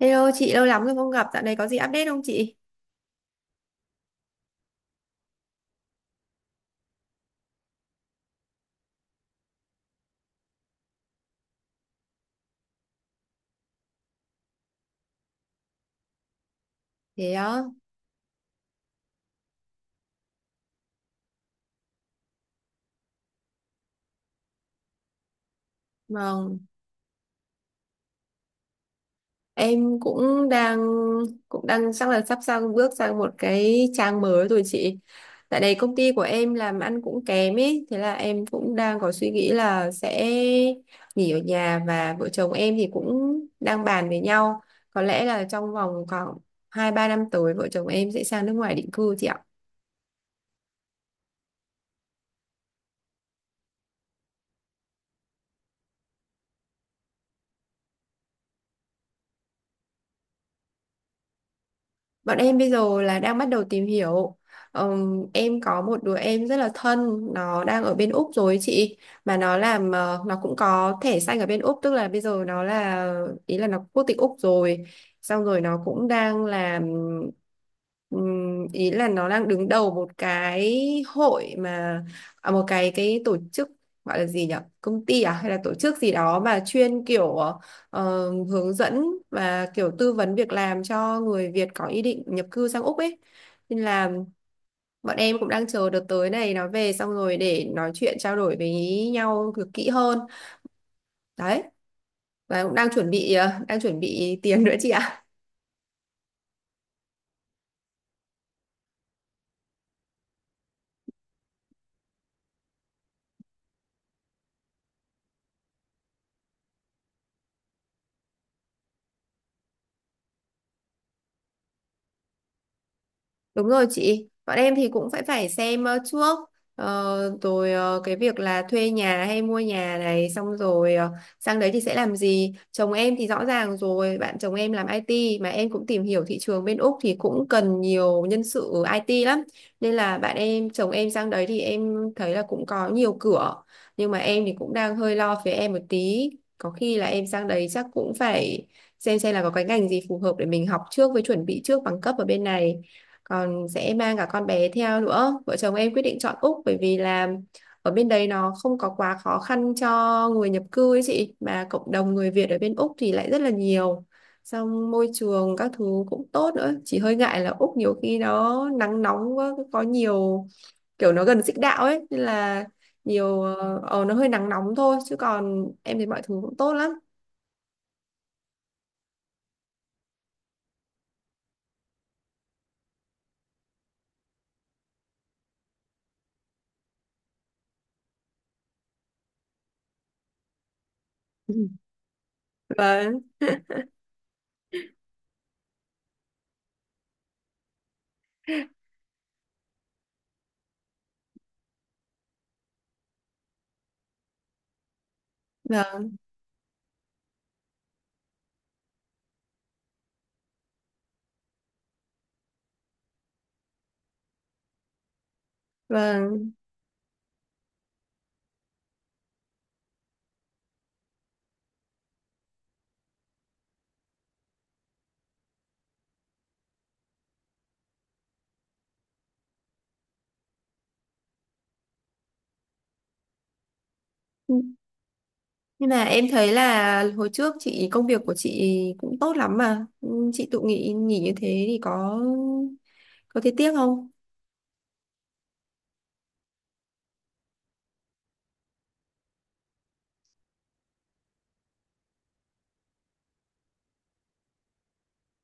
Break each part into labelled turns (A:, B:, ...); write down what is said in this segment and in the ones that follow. A: Hello chị, lâu lắm rồi không gặp, dạo này có gì update không chị? Thế á, vâng, em cũng đang chắc là sắp sang bước sang một cái trang mới rồi chị. Tại đây công ty của em làm ăn cũng kém ấy, thế là em cũng đang có suy nghĩ là sẽ nghỉ ở nhà và vợ chồng em thì cũng đang bàn với nhau. Có lẽ là trong vòng khoảng 2 3 năm tới vợ chồng em sẽ sang nước ngoài định cư chị ạ. Bọn em bây giờ là đang bắt đầu tìm hiểu. Em có một đứa em rất là thân, nó đang ở bên Úc rồi ấy chị, mà nó cũng có thẻ xanh ở bên Úc, tức là bây giờ nó là ý là nó quốc tịch Úc rồi. Xong rồi nó cũng đang làm ý là nó đang đứng đầu một cái hội mà một cái tổ chức, gọi là gì nhỉ? Công ty à hay là tổ chức gì đó mà chuyên hướng dẫn và kiểu tư vấn việc làm cho người Việt có ý định nhập cư sang Úc ấy. Nên là bọn em cũng đang chờ đợt tới này nó về xong rồi để nói chuyện trao đổi với nhau được kỹ hơn. Đấy. Và cũng đang chuẩn bị ờ, đang chuẩn bị tiền nữa chị ạ. Đúng rồi chị, bọn em thì cũng phải phải xem trước rồi cái việc là thuê nhà hay mua nhà này xong rồi ờ, sang đấy thì sẽ làm gì. Chồng em thì rõ ràng rồi, bạn chồng em làm IT, mà em cũng tìm hiểu thị trường bên Úc thì cũng cần nhiều nhân sự ở IT lắm. Nên là bạn em, chồng em sang đấy thì em thấy là cũng có nhiều cửa. Nhưng mà em thì cũng đang hơi lo phía em một tí. Có khi là em sang đấy chắc cũng phải xem là có cái ngành gì phù hợp để mình học trước, với chuẩn bị trước bằng cấp ở bên này, còn sẽ mang cả con bé theo nữa. Vợ chồng em quyết định chọn Úc bởi vì là ở bên đấy nó không có quá khó khăn cho người nhập cư ấy chị, mà cộng đồng người Việt ở bên Úc thì lại rất là nhiều, xong môi trường các thứ cũng tốt nữa. Chỉ hơi ngại là Úc nhiều khi nó nắng nóng quá, có nhiều kiểu nó gần xích đạo ấy, nên là nó hơi nắng nóng thôi, chứ còn em thấy mọi thứ cũng tốt lắm. Ừ. Vâng, vâng, vâng. Nhưng mà em thấy là hồi trước chị công việc của chị cũng tốt lắm mà. Ừ, chị tự nghỉ như thế thì có thấy tiếc không?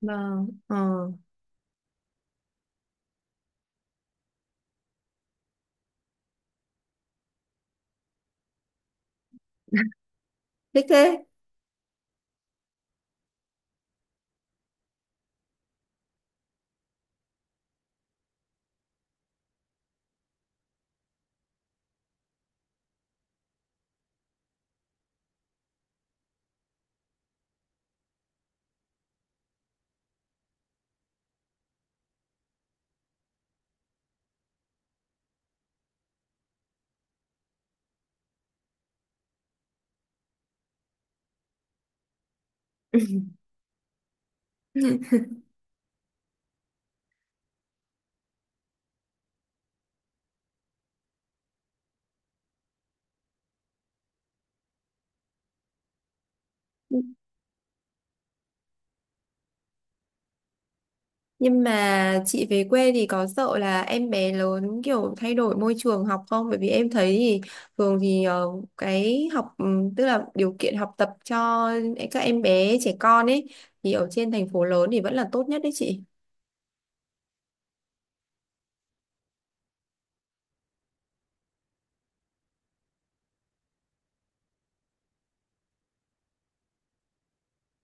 A: Vâng, ờ, thích thế. Nhưng mà chị về quê thì có sợ là em bé lớn kiểu thay đổi môi trường học không? Bởi vì em thấy thì thường thì cái học ừ, tức là điều kiện học tập cho các em bé trẻ con ấy thì ở trên thành phố lớn thì vẫn là tốt nhất đấy chị.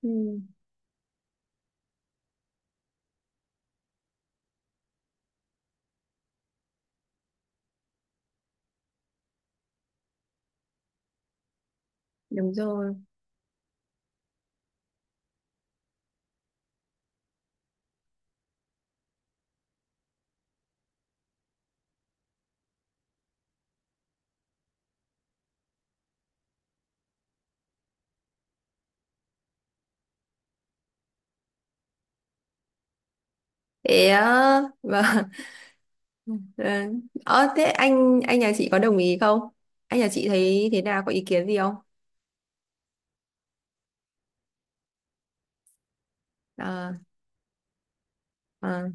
A: Ừ, đúng rồi. Thế á, vâng. Ờ, ờ, thế anh nhà chị có đồng ý không? Anh nhà chị thấy thế nào, có ý kiến gì không? Ờ, ờ,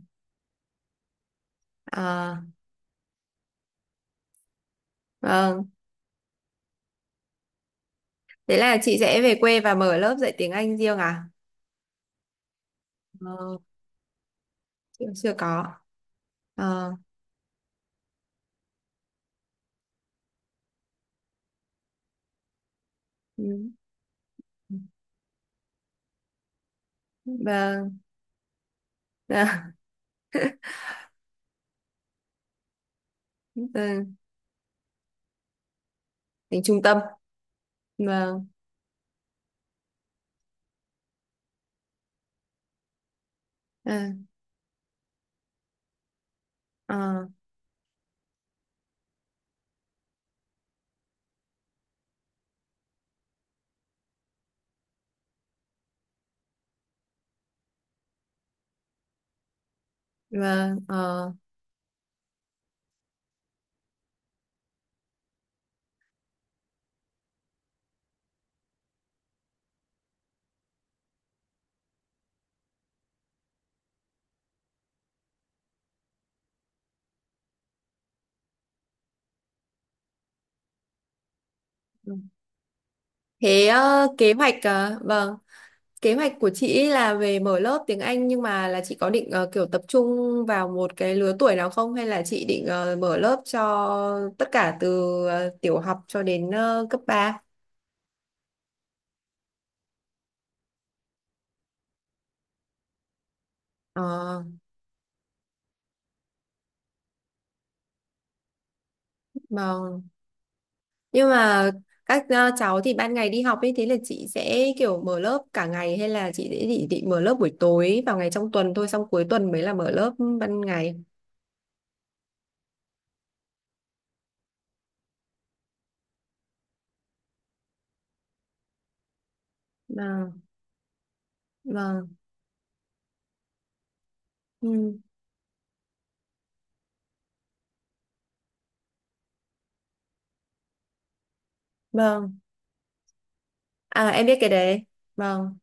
A: ờ, vâng. Thế là chị sẽ về quê và mở lớp dạy tiếng Anh riêng à? Ờ, chưa, chưa có. Ờ, ừ, vâng, vâng, vâng, tính trung tâm. Vâng, ờ, ờ, vâng, ờ. Thế ờ, kế hoạch, ờ, vâng. Kế hoạch của chị là về mở lớp tiếng Anh, nhưng mà là chị có định kiểu tập trung vào một cái lứa tuổi nào không, hay là chị định mở lớp cho tất cả từ tiểu học cho đến cấp ba. Ờ, mà nhưng mà cháu thì ban ngày đi học ấy, thế là chị sẽ kiểu mở lớp cả ngày, hay là chị sẽ định mở lớp buổi tối vào ngày trong tuần thôi, xong cuối tuần mới là mở lớp ban ngày. Vâng, vâng, ừ, vâng. À em biết cái đấy. Vâng.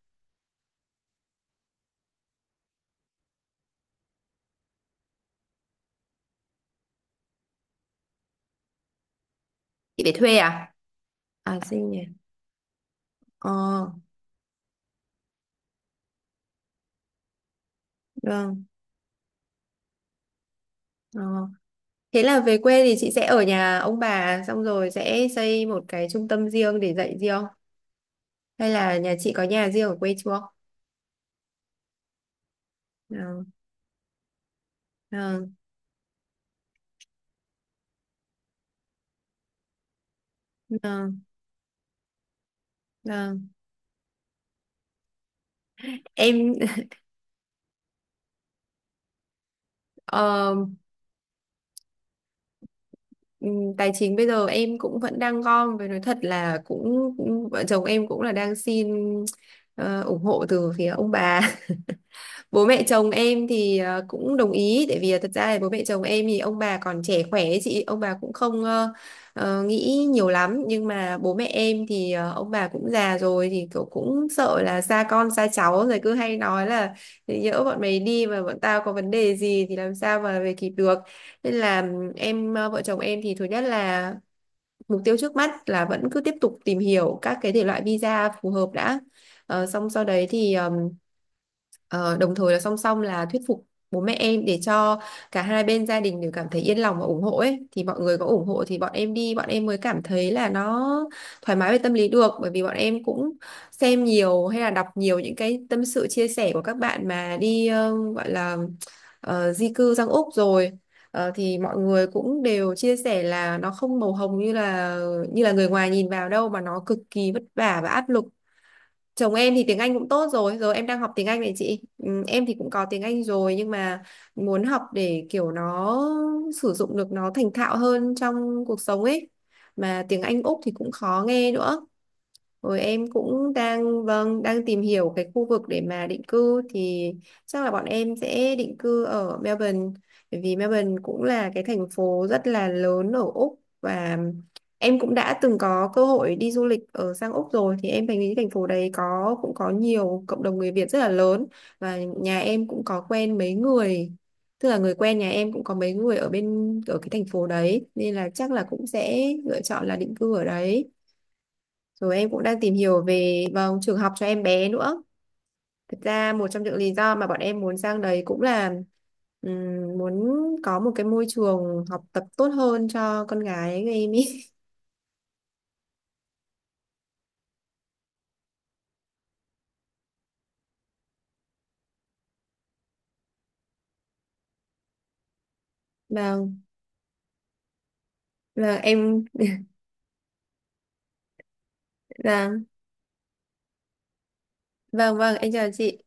A: Chị phải thuê à? À sinh nhỉ. Ờ. Vâng. Ờ. Thế là về quê thì chị sẽ ở nhà ông bà xong rồi sẽ xây một cái trung tâm riêng để dạy riêng, hay là nhà chị có nhà riêng ở quê chưa? Vâng. Vâng. Vâng. Vâng. Em ờ, tài chính bây giờ em cũng vẫn đang gom, với nói thật là cũng cũng- vợ chồng em cũng là đang xin ủng hộ từ phía ông bà. Bố mẹ chồng em thì cũng đồng ý, tại vì là thật ra là bố mẹ chồng em thì ông bà còn trẻ khỏe ấy chị, ông bà cũng không nghĩ nhiều lắm. Nhưng mà bố mẹ em thì ông bà cũng già rồi thì kiểu cũng sợ là xa con xa cháu, rồi cứ hay nói là "Thế nhỡ bọn mày đi mà bọn tao có vấn đề gì thì làm sao mà về kịp được". Nên là vợ chồng em thì thứ nhất là mục tiêu trước mắt là vẫn cứ tiếp tục tìm hiểu các cái thể loại visa phù hợp đã. Ờ, xong sau đấy thì ờ, đồng thời là song song là thuyết phục bố mẹ em, để cho cả hai bên gia đình đều cảm thấy yên lòng và ủng hộ ấy, thì mọi người có ủng hộ thì bọn em đi bọn em mới cảm thấy là nó thoải mái về tâm lý được. Bởi vì bọn em cũng xem nhiều hay là đọc nhiều những cái tâm sự chia sẻ của các bạn mà đi gọi là di cư sang Úc rồi. Ờ, thì mọi người cũng đều chia sẻ là nó không màu hồng như là người ngoài nhìn vào đâu, mà nó cực kỳ vất vả và áp lực. Chồng em thì tiếng Anh cũng tốt rồi, rồi em đang học tiếng Anh này chị. Ừ, em thì cũng có tiếng Anh rồi, nhưng mà muốn học để kiểu nó sử dụng được nó thành thạo hơn trong cuộc sống ấy. Mà tiếng Anh Úc thì cũng khó nghe nữa. Rồi em cũng đang vâng đang tìm hiểu cái khu vực để mà định cư, thì chắc là bọn em sẽ định cư ở Melbourne, bởi vì Melbourne cũng là cái thành phố rất là lớn ở Úc, và em cũng đã từng có cơ hội đi du lịch ở sang Úc rồi thì em thấy thành phố đấy có cũng có nhiều cộng đồng người Việt rất là lớn, và nhà em cũng có quen mấy người, tức là người quen nhà em cũng có mấy người ở bên ở cái thành phố đấy, nên là chắc là cũng sẽ lựa chọn là định cư ở đấy. Rồi em cũng đang tìm hiểu về vâng, trường học cho em bé nữa. Thực ra một trong những lý do mà bọn em muốn sang đấy cũng là muốn có một cái môi trường học tập tốt hơn cho con gái của em ý. Vâng, vâng em vâng, vâng vâng em chào chị.